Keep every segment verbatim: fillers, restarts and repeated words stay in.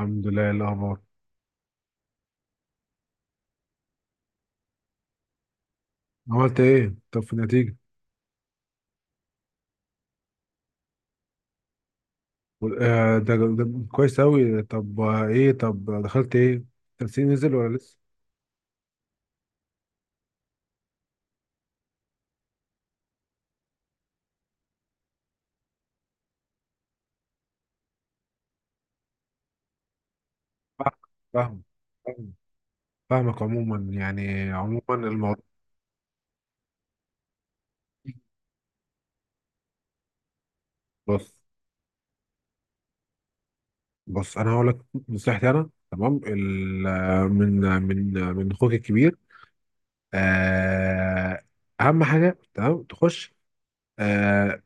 الحمد لله. إيه الاخبار؟ عملت ايه طب في النتيجه؟ وال- آه ده, ده كويس اوي. طب آه، ايه؟ طب دخلت ايه؟ التنسيق نزل ولا لسه؟ فاهم. فاهم. فاهم- فاهمك. عموما يعني عموما الموضوع بص بص انا هقول لك نصيحتي. انا تمام ال- آه، من من من اخوك الكبير. آه، اهم حاجه تمام تخش. آه،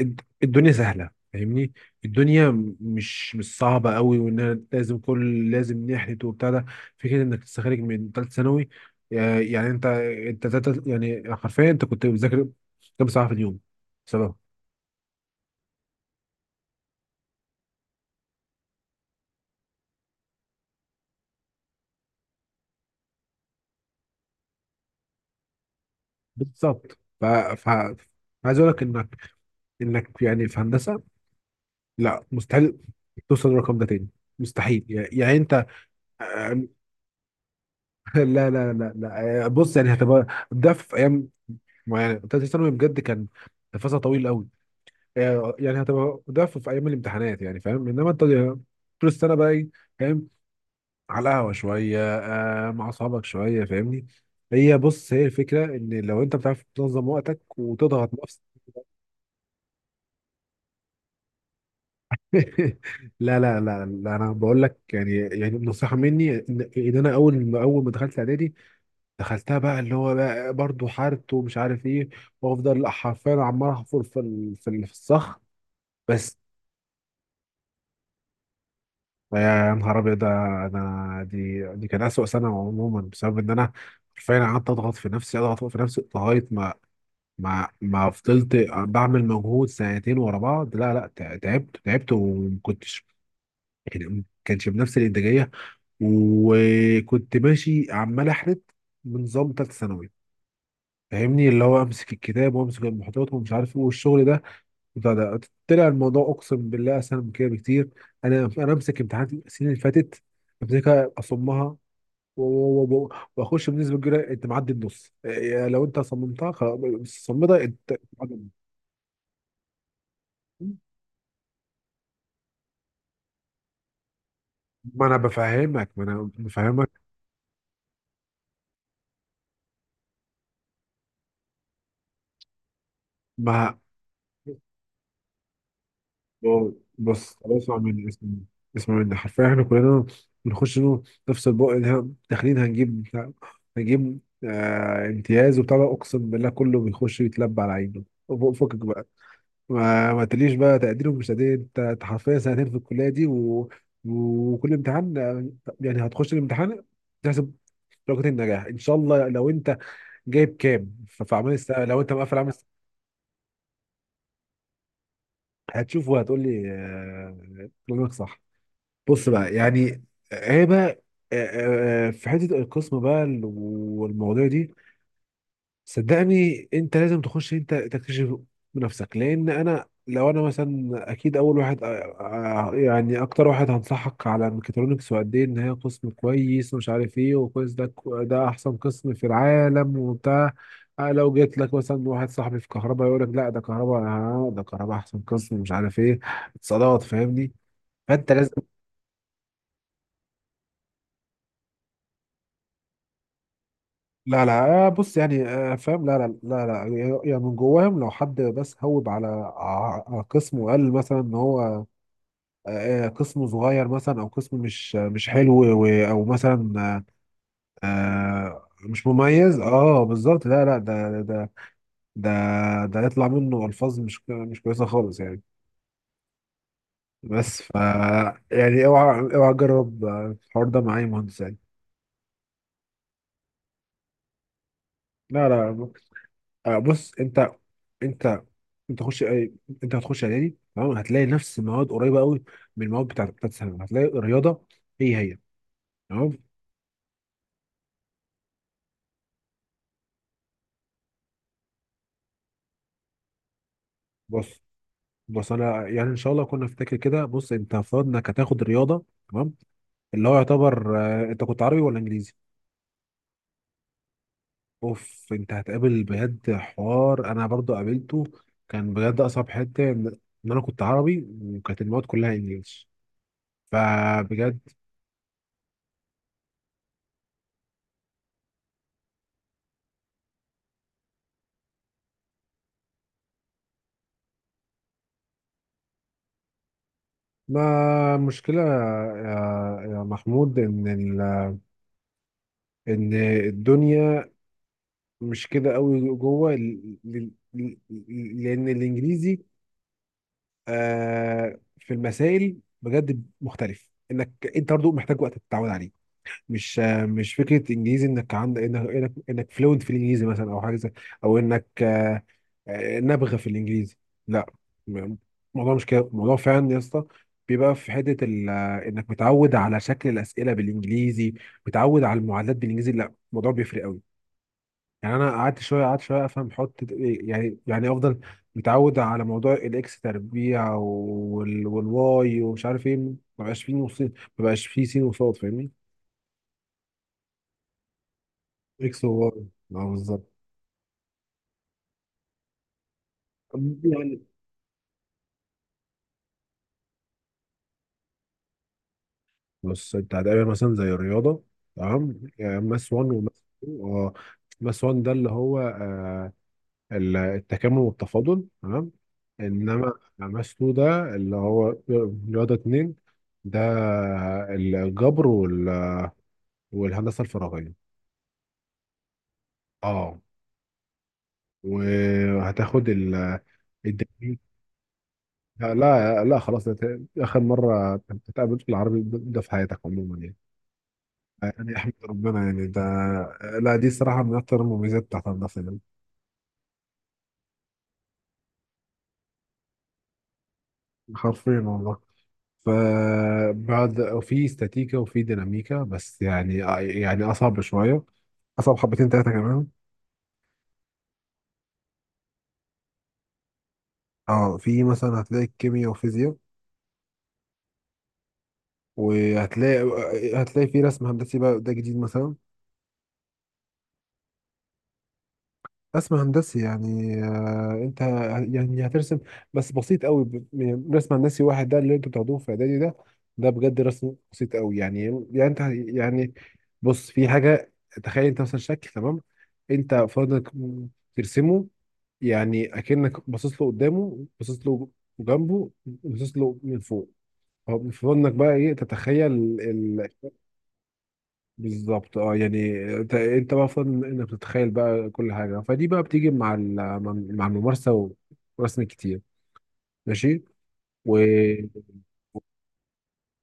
الد- الدنيا سهلة، فاهمني؟ الدنيا م- مش مش صعبة قوي، وان أنا لازم كل لازم نحلت وبتاع ده. فكرة انك تستخرج من ثالث ثانوي، آه، يعني انت انت تالتة- يعني حرفيا انت كنت بتذاكر كام ساعة في اليوم؟ بسبب بالظبط ف... ف... عايز اقول لك انك انك يعني في هندسة لا، مستحيل توصل للرقم ده تاني، مستحيل. يعني يعني انت آه، لا لا لا لا آه، بص يعني هتبقى ده في ايام معينة. ثالث ثانوي بجد كان فصل طويل قوي. آه، يعني هتبقى ده في في ايام الامتحانات، يعني فاهم؟ انما انت طول السنه بقى ايه، فاهم؟ على القهوه شويه، آه، مع اصحابك شويه، فاهمني؟ هي بص هي الفكره ان لو انت بتعرف تنظم وقتك وتضغط نفسك. لا لا لا لا انا بقول لك يعني يعني نصيحه مني ان إن انا اول ما اول ما دخلت اعدادي دخلتها بقى، اللي هو بقى برضه حارت ومش عارف ايه. وافضل حرفيا عمال احفر في ال- في ال- في الصخر بس. يا نهار ابيض! ده انا دي دي كان اسوأ سنه عموما، بسبب ان انا حرفيا قعدت اضغط في نفسي، اضغط في نفسي، لغايه ما ما ما فضلت بعمل مجهود سنتين ورا بعض. لا لا تع- تعبت، تعبت، وما كنتش يعني ما كانش بنفس الانتاجيه. وكنت ماشي عمال احرت بنظام ثالثه ثانوي، فاهمني؟ اللي هو امسك الكتاب وامسك المحتوى ومش عارف ايه والشغل ده. ده ده طلع الموضوع اقسم بالله اسهل من كده بكتير. انا انا امسك امتحانات السنين اللي فاتت، امسكها اصمها و- و- و- و- واخش بنسبه كبيره. انت معدي النص، إيه، لو انت صممتها خلاص، بس صممتها، انت معدي النص. ما انا بفهمك، ما انا بفهمك. ما بص اسمع مني اسمع مني اسمع مني حرفيا احنا كلنا بنخش له نفس البق. اللي إحنا داخلين هنجيب بتاع- هنجيب آه امتياز وبتاع ده، اقسم بالله كله بيخش يتلبى على عينه. فكك بقى. ما ما تقوليش بقى تقدير ومش تقدير. انت أنت حرفيا سنتين في الكليه دي و... وكل امتحان آه، يعني هتخش الامتحان، تحسب درجة النجاح ان شاء الله. لو انت جايب كام ف- في اعمال السنه، لو انت مقفل اعمال السنه هتشوف وهتقول لي آه، كلامك صح. بص بقى، يعني هي بقى آه، آه، آه، في حته القسم بقى والمواضيع دي، صدقني انت لازم تخش، انت تكتشف بنفسك. لان انا، لو انا مثلا، اكيد اول واحد أ- أ- يعني اكتر واحد هنصحك على الميكاترونكس وقد ايه ان هي قسم كويس ومش عارف ايه وكويس. ده كو- ده احسن قسم في العالم وبتاع. أه لو جيت لك مثلا واحد صاحبي في كهرباء، يقول لك لا ده كهرباء، آه، ده كهرباء احسن قسم مش عارف ايه، اتصالات، فاهمني؟ فانت لازم. لا لا آه، بص يعني آه، فاهم. لا لا لا لا يعني يعني من جواهم، لو حد بس هوب على ع- على قسم وقال مثلا ان هو آه، آه، قسم صغير مثلا، او قسم مش مش حلو، و- او مثلا آه، آه، مش مميز، اه بالظبط. لا لا ده ده ده ده يطلع منه الفاظ مش ك- مش كويسه خالص يعني. بس ف يعني اوعى اوعى تجرب آه، الحوار ده مع اي مهندس يعني. لا لا آه، بص انت انت انت هتخش أي- انت هتخش اعدادي تمام، هتلاقي نفس المواد قريبه قوي من المواد بتاعت بتاعت ثانوي. هتلاقي الرياضه هي هي تمام. بص بص انا يعني ان شاء الله كنا نفتكر كده. بص انت افترض انك هتاخد رياضه، تمام؟ اللي هو يعتبر آه، انت كنت عربي ولا انجليزي؟ اوف، انت هتقابل بجد حوار انا برضو قابلته، كان بجد اصعب حته ان ان انا كنت عربي وكانت المواد كلها انجليش، فبجد. ما مشكله يا يا محمود ان ال- ان الدنيا مش كده قوي جوه ل- ل- ل- لان الانجليزي آه في المسائل بجد مختلف، انك انت برضه محتاج وقت تتعود عليه. مش آه مش فكره انجليزي انك عندك انك انك, إنك فلوينت في الانجليزي مثلا، او حاجه زي، او انك آه آه، نابغه في الانجليزي، لا. م- الموضوع مش كده، الموضوع فعلا يا اسطى بيبقى في حته ال- آه، انك متعود على شكل الاسئله بالانجليزي، متعود على المعادلات بالانجليزي. لا الموضوع بيفرق قوي. يعني انا قعدت شويه، قعدت شويه افهم حط إيه، يعني يعني افضل متعود على موضوع الاكس تربيع وال- والواي ومش عارف ايه. ما بقاش فيه نصين، ما بقاش فيه سين وصاد، فاهمني؟ اكس وواي، اه بالظبط. يعني بص، انت هتقابل مثلا زي الرياضه تمام، يعني ماس واحد وماس اتنين. اه، ماس واحد ده اللي هو آه، ال- التكامل والتفاضل تمام. انما ماس اتنين ده اللي هو رياضه اتنين، ده الجبر والهندسه الفراغيه. اه، وهتاخد ال الدبلوم. لا لا لا، خلاص، ده اخر مره تتقابل في العربي ده ده في حياتك عموما يعني. يعني احمد ربنا يعني ده. لا دي صراحه من اكتر المميزات بتاعت الهندسه يعني. حرفيا والله. فبعد وفي استاتيكا وفي ديناميكا بس يعني، يعني اصعب شويه، اصعب حبتين ثلاثه كمان. اه في مثلا هتلاقي كيمياء وفيزياء، وهتلاقي هتلاقي في رسم هندسي بقى، ده جديد مثلا. رسم هندسي يعني آه، انت يعني هترسم بس بسيط قوي. ب- ب- رسم هندسي واحد ده اللي انتوا بتاخدوه في اعدادي، ده ده بجد رسم بسيط قوي يعني. يعني انت يعني بص، في حاجه، تخيل انت مثلا شكل تمام، انت فاضلك ترسمه. يعني اكنك باصص له قدامه، باصص له جنبه، باصص له من فوق. فاضلك بقى ايه، تتخيل. بالظبط، اه. يعني انت انت بقى فاضل انك تتخيل بقى كل حاجه. فدي بقى بتيجي مع ال- مع الممارسه ورسم كتير. ماشي. و...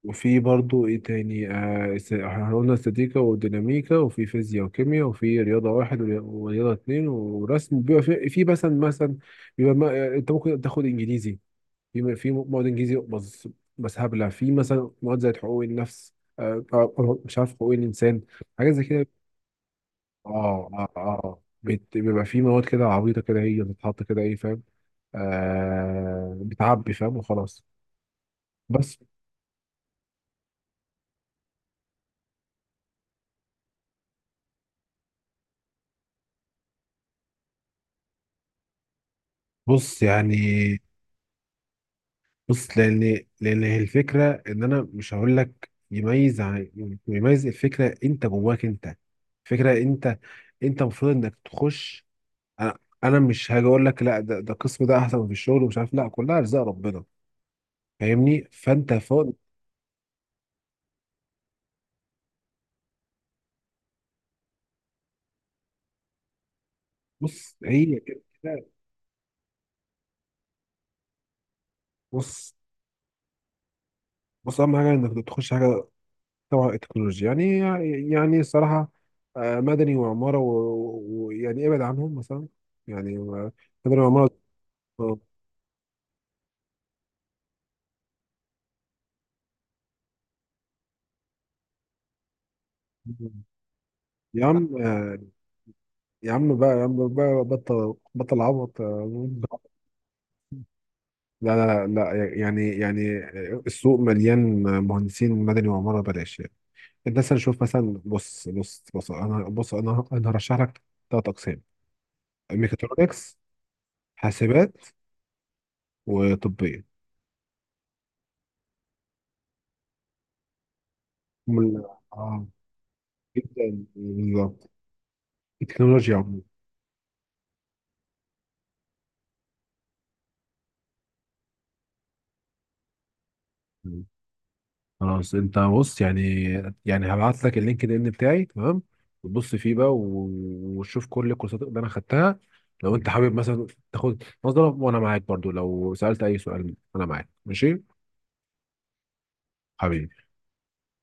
وفي برضو ايه تاني آه، است- احنا قلنا استاتيكا وديناميكا وفي فيزياء وكيمياء وفي رياضه واحد وري- ورياضه اتنين ورسم. بيبقى في, في مثلا مثلا بيبقى ما... انت ممكن تاخد انجليزي، في في مواد انجليزي بس. بس هبله، في مثلا مواد زي حقوق النفس آه آه، مش عارف، حقوق الانسان، حاجات زي كده. اه اه اه بت- بيبقى في مواد كده عبيطة كده، هي بتتحط كده ايه فاهم؟ آه بتعبي فاهم وخلاص. بس بص يعني، بص لان لان هي الفكرة ان انا مش هقول لك يميز عن- يميز. الفكرة انت جواك انت. فكرة انت انت المفروض انك تخش. انا انا مش هاجي اقول لك لا ده ده القسم ده احسن في الشغل ومش عارف. لا كلها ارزاق ربنا، فاهمني؟ فانت فوق. بص هي كده. بص بص اهم حاجه انك تخش حاجه طبعا التكنولوجيا يعني، يعني الصراحة آه، مدني وعمارة و- ويعني ابعد عنهم مثلا، يعني و- مدني وعمارة آه، يا عم آه، يا عم بقى، يا عم بقى بطل، بطل عبط. آه، لا لا لا لا، يعني يعني السوق مليان مهندسين مدني وعمارة، بلاش يعني. الناس هنشوف مثلا. بص بص بص انا بص انا انا هرشح لك ثلاث اقسام: ميكاترونكس، حاسبات، وطبية. هم ال- اه جدا، التكنولوجيا عموما. مم، خلاص. انت بص يعني، يعني هبعت لك اللينكد ان بتاعي تمام، وتبص فيه بقى و- وتشوف كل الكورسات اللي انا خدتها، لو انت حابب مثلا تاخد نظرة. وانا معاك برضو، لو سألت اي سؤال انا معاك. ماشي حبيبي.